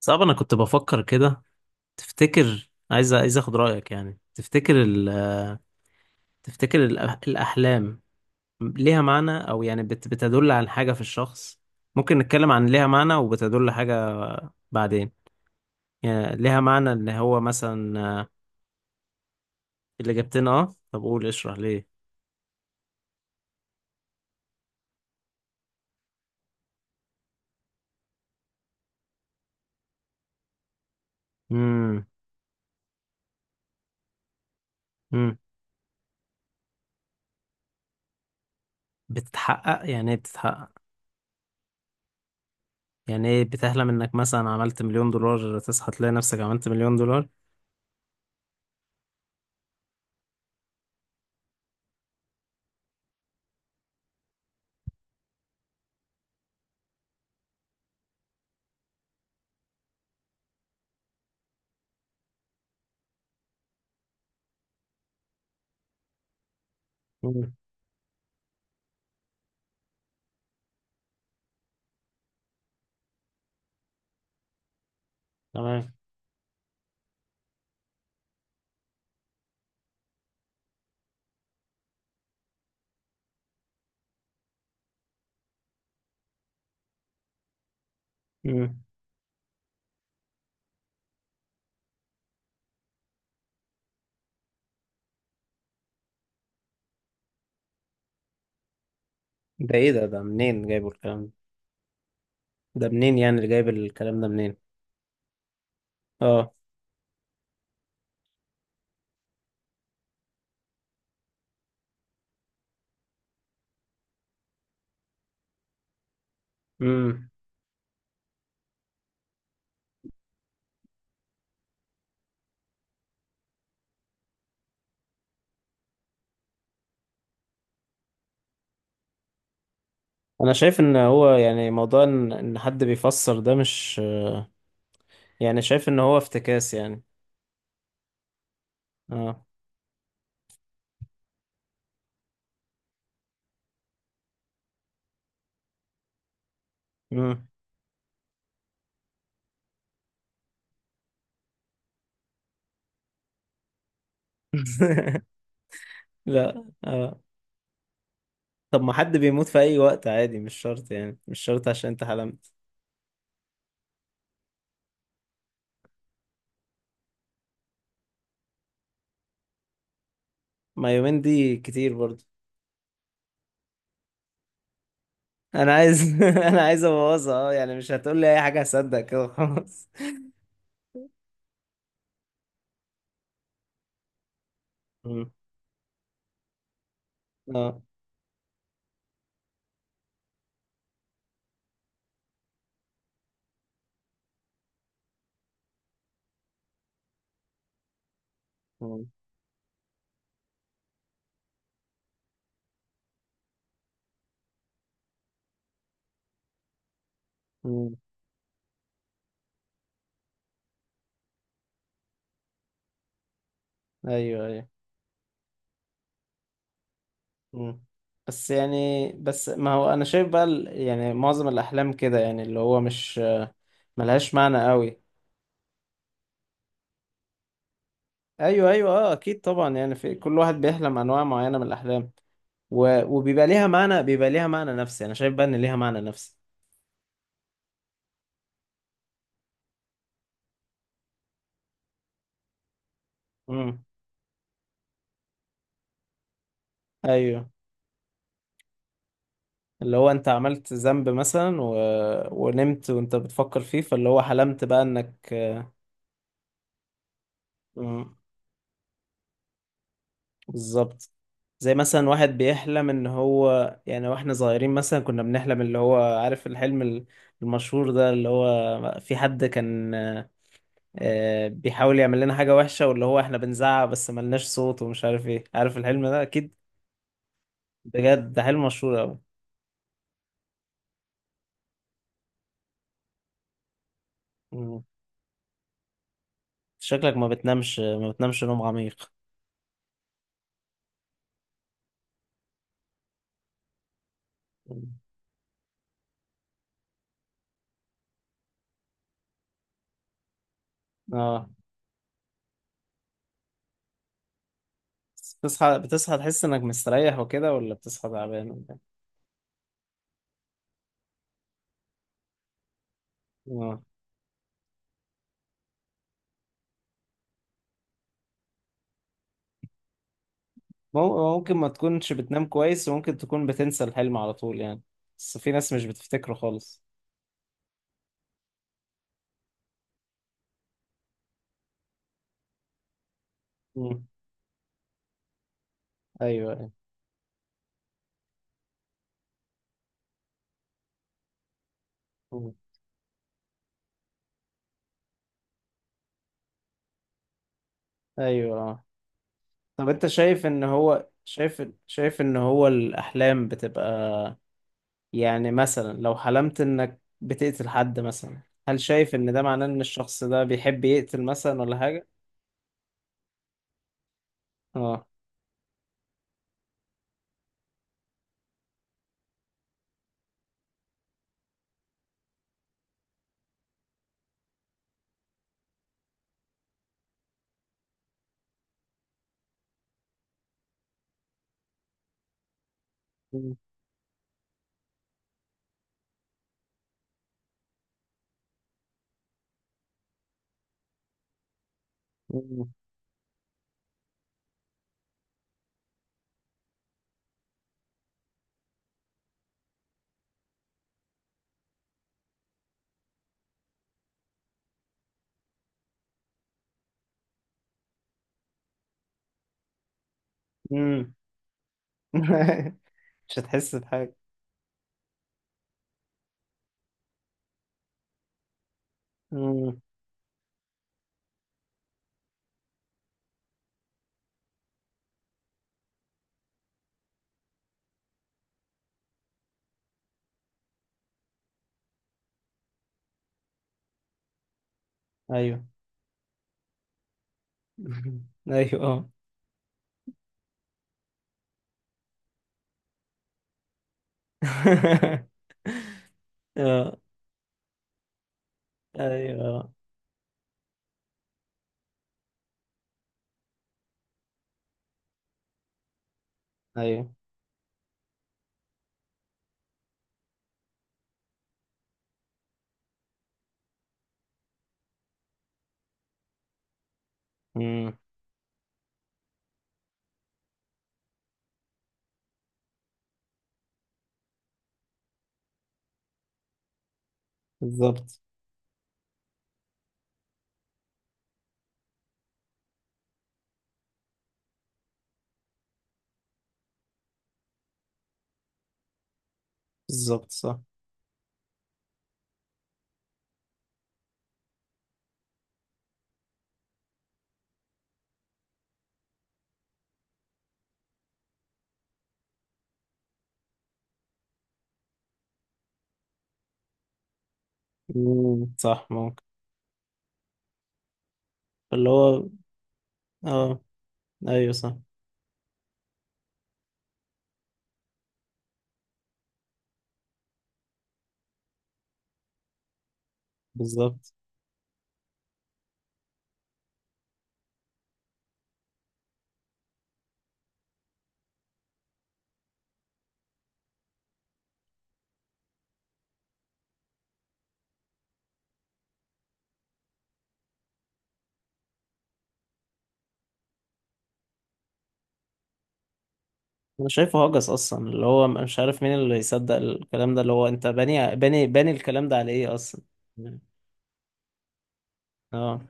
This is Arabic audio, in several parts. صعب. انا كنت بفكر كده. تفتكر عايز اخد رأيك، يعني تفتكر تفتكر الأحلام ليها معنى، او يعني بتدل على حاجة في الشخص؟ ممكن نتكلم عن ليها معنى وبتدل حاجة، بعدين يعني ليها معنى ان هو مثلا. اللي جبتنا. اه طب قول اشرح ليه. امم امم بتتحقق؟ يعني ايه بتتحقق؟ يعني ايه بتحلم انك مثلا عملت $1,000,000 تصحى تلاقي نفسك عملت $1,000,000؟ امم. تمام. امم. ده ايه؟ ده منين جايبه الكلام ده؟ ده منين يعني؟ اللي جايب الكلام ده منين؟ اه. امم. انا شايف ان هو يعني موضوع إن حد بيفسر ده مش... يعني شايف ان هو افتكاس يعني. اه. امم. لا آه. طب ما حد بيموت في اي وقت عادي، مش شرط يعني، مش شرط عشان انت حلمت، ما يومين دي كتير برضو. انا عايز. انا عايز ابوظها اه، يعني مش هتقول لي اي حاجه هصدق كده خلاص. امم. اه. مم. مم. ايوه، ايوه. مم. بس يعني، بس ما هو انا شايف بقى يعني معظم الاحلام كده، يعني اللي هو مش ملهاش معنى قوي. ايوه، ايوه، اه، اكيد طبعا، يعني في كل واحد بيحلم انواع معينه من الاحلام وبيبقى ليها معنى، بيبقى ليها معنى نفسي. انا شايف بقى ان ليها معنى نفسي. امم. ايوه. اللي هو انت عملت ذنب مثلا ونمت وانت بتفكر فيه، فاللي هو حلمت بقى انك... امم. بالظبط. زي مثلا واحد بيحلم ان هو يعني، واحنا صغيرين مثلا كنا بنحلم اللي هو، عارف الحلم المشهور ده، اللي هو في حد كان بيحاول يعمل لنا حاجة وحشة، واللي هو احنا بنزعق بس ملناش صوت ومش عارف ايه، عارف الحلم ده اكيد؟ بجد ده حلم مشهور اوي. مم. شكلك ما بتنامش، ما بتنامش نوم عميق. مم. اه. بتصحى، بتصحى تحس انك مستريح وكده، ولا بتصحى تعبان، ولا إيه؟ اه. ممكن ما تكونش بتنام كويس، وممكن تكون بتنسى الحلم على طول يعني، بس في ناس مش بتفتكره خالص. مم. ايوه، ايوه. مم. ايوه آه. طب انت شايف ان هو شايف ان هو الاحلام بتبقى، يعني مثلا لو حلمت انك بتقتل حد مثلا، هل شايف ان ده معناه ان الشخص ده بيحب يقتل مثلا ولا حاجة؟ اه. مم. مم. مم. مش هتحس بحاجة. مم. ايوه. ايوه، اه. اه، ايوه، ايوه. امم. بالظبط. بالظبط، صح. امم، صح، ممكن. اللي هو، اه، ايوه، صح، بالظبط. انا شايفه هجس اصلا، اللي هو مش عارف مين اللي يصدق الكلام ده، اللي هو انت باني الكلام ده على ايه اصلا؟ اه.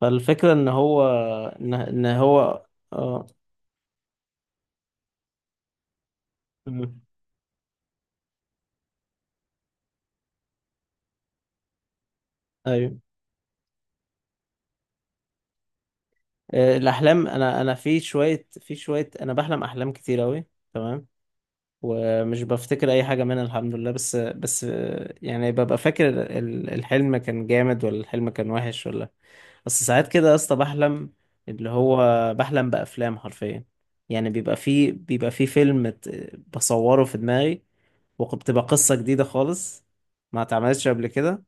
فالفكرة ان هو ان إن هو... اه. أمم. ايوه آه، الاحلام انا، في شوية انا بحلم احلام كتير اوي، تمام، ومش بفتكر اي حاجه منها، الحمد لله. بس يعني ببقى فاكر الحلم كان جامد، ولا الحلم كان وحش، ولا... بس ساعات كده يا اسطى بحلم اللي هو، بحلم بافلام حرفيا، يعني بيبقى فيه فيلم بصوره في دماغي، وبتبقى قصه جديده خالص ما اتعملتش قبل كده،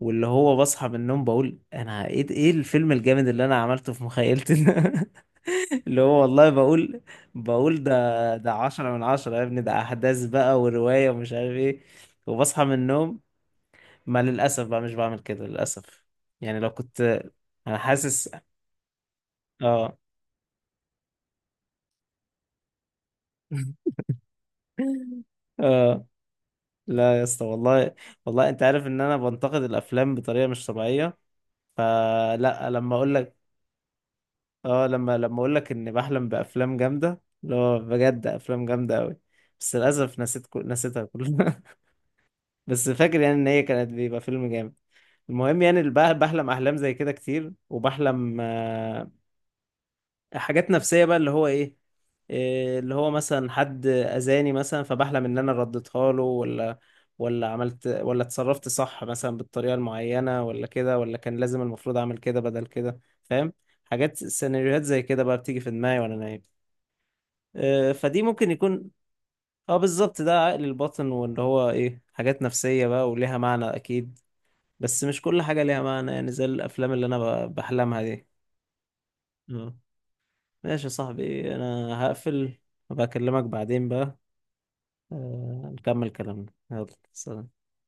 واللي هو بصحى من النوم بقول انا ايه؟ ايه الفيلم الجامد اللي انا عملته في مخيلتي ده؟ اللي هو والله بقول، بقول ده 10/10 يا ابني، ده أحداث بقى ورواية ومش عارف ايه. وبصحى من النوم، ما للأسف بقى مش بعمل كده للأسف. يعني لو كنت... أنا حاسس. اه. اه. لا يا اسطى والله، والله انت عارف ان انا بنتقد الافلام بطريقه مش طبيعيه، فلا لما اقول لك. اه. لما لما اقول لك اني بحلم بافلام جامده اللي هو بجد افلام جامده قوي، بس للاسف نسيت نسيتها كلها، بس فاكر يعني ان هي كانت بيبقى فيلم جامد. المهم يعني بحلم احلام زي كده كتير، وبحلم حاجات نفسية بقى اللي هو إيه اللي هو مثلا حد اذاني مثلا، فبحلم ان انا رديتها له، ولا عملت، ولا اتصرفت صح مثلا بالطريقة المعينة، ولا كده، ولا كان لازم المفروض اعمل كده بدل كده، فاهم؟ حاجات سيناريوهات زي كده بقى بتيجي في دماغي وانا نايم. إيه؟ فدي ممكن يكون. اه، بالظبط، ده عقل الباطن، وان هو ايه، حاجات نفسية بقى وليها معنى اكيد، بس مش كل حاجة ليها معنى، يعني زي الأفلام اللي أنا بحلمها دي. اه. ماشي يا صاحبي، أنا هقفل وبكلمك بعدين بقى. نكمل كلامنا يلا. سلام.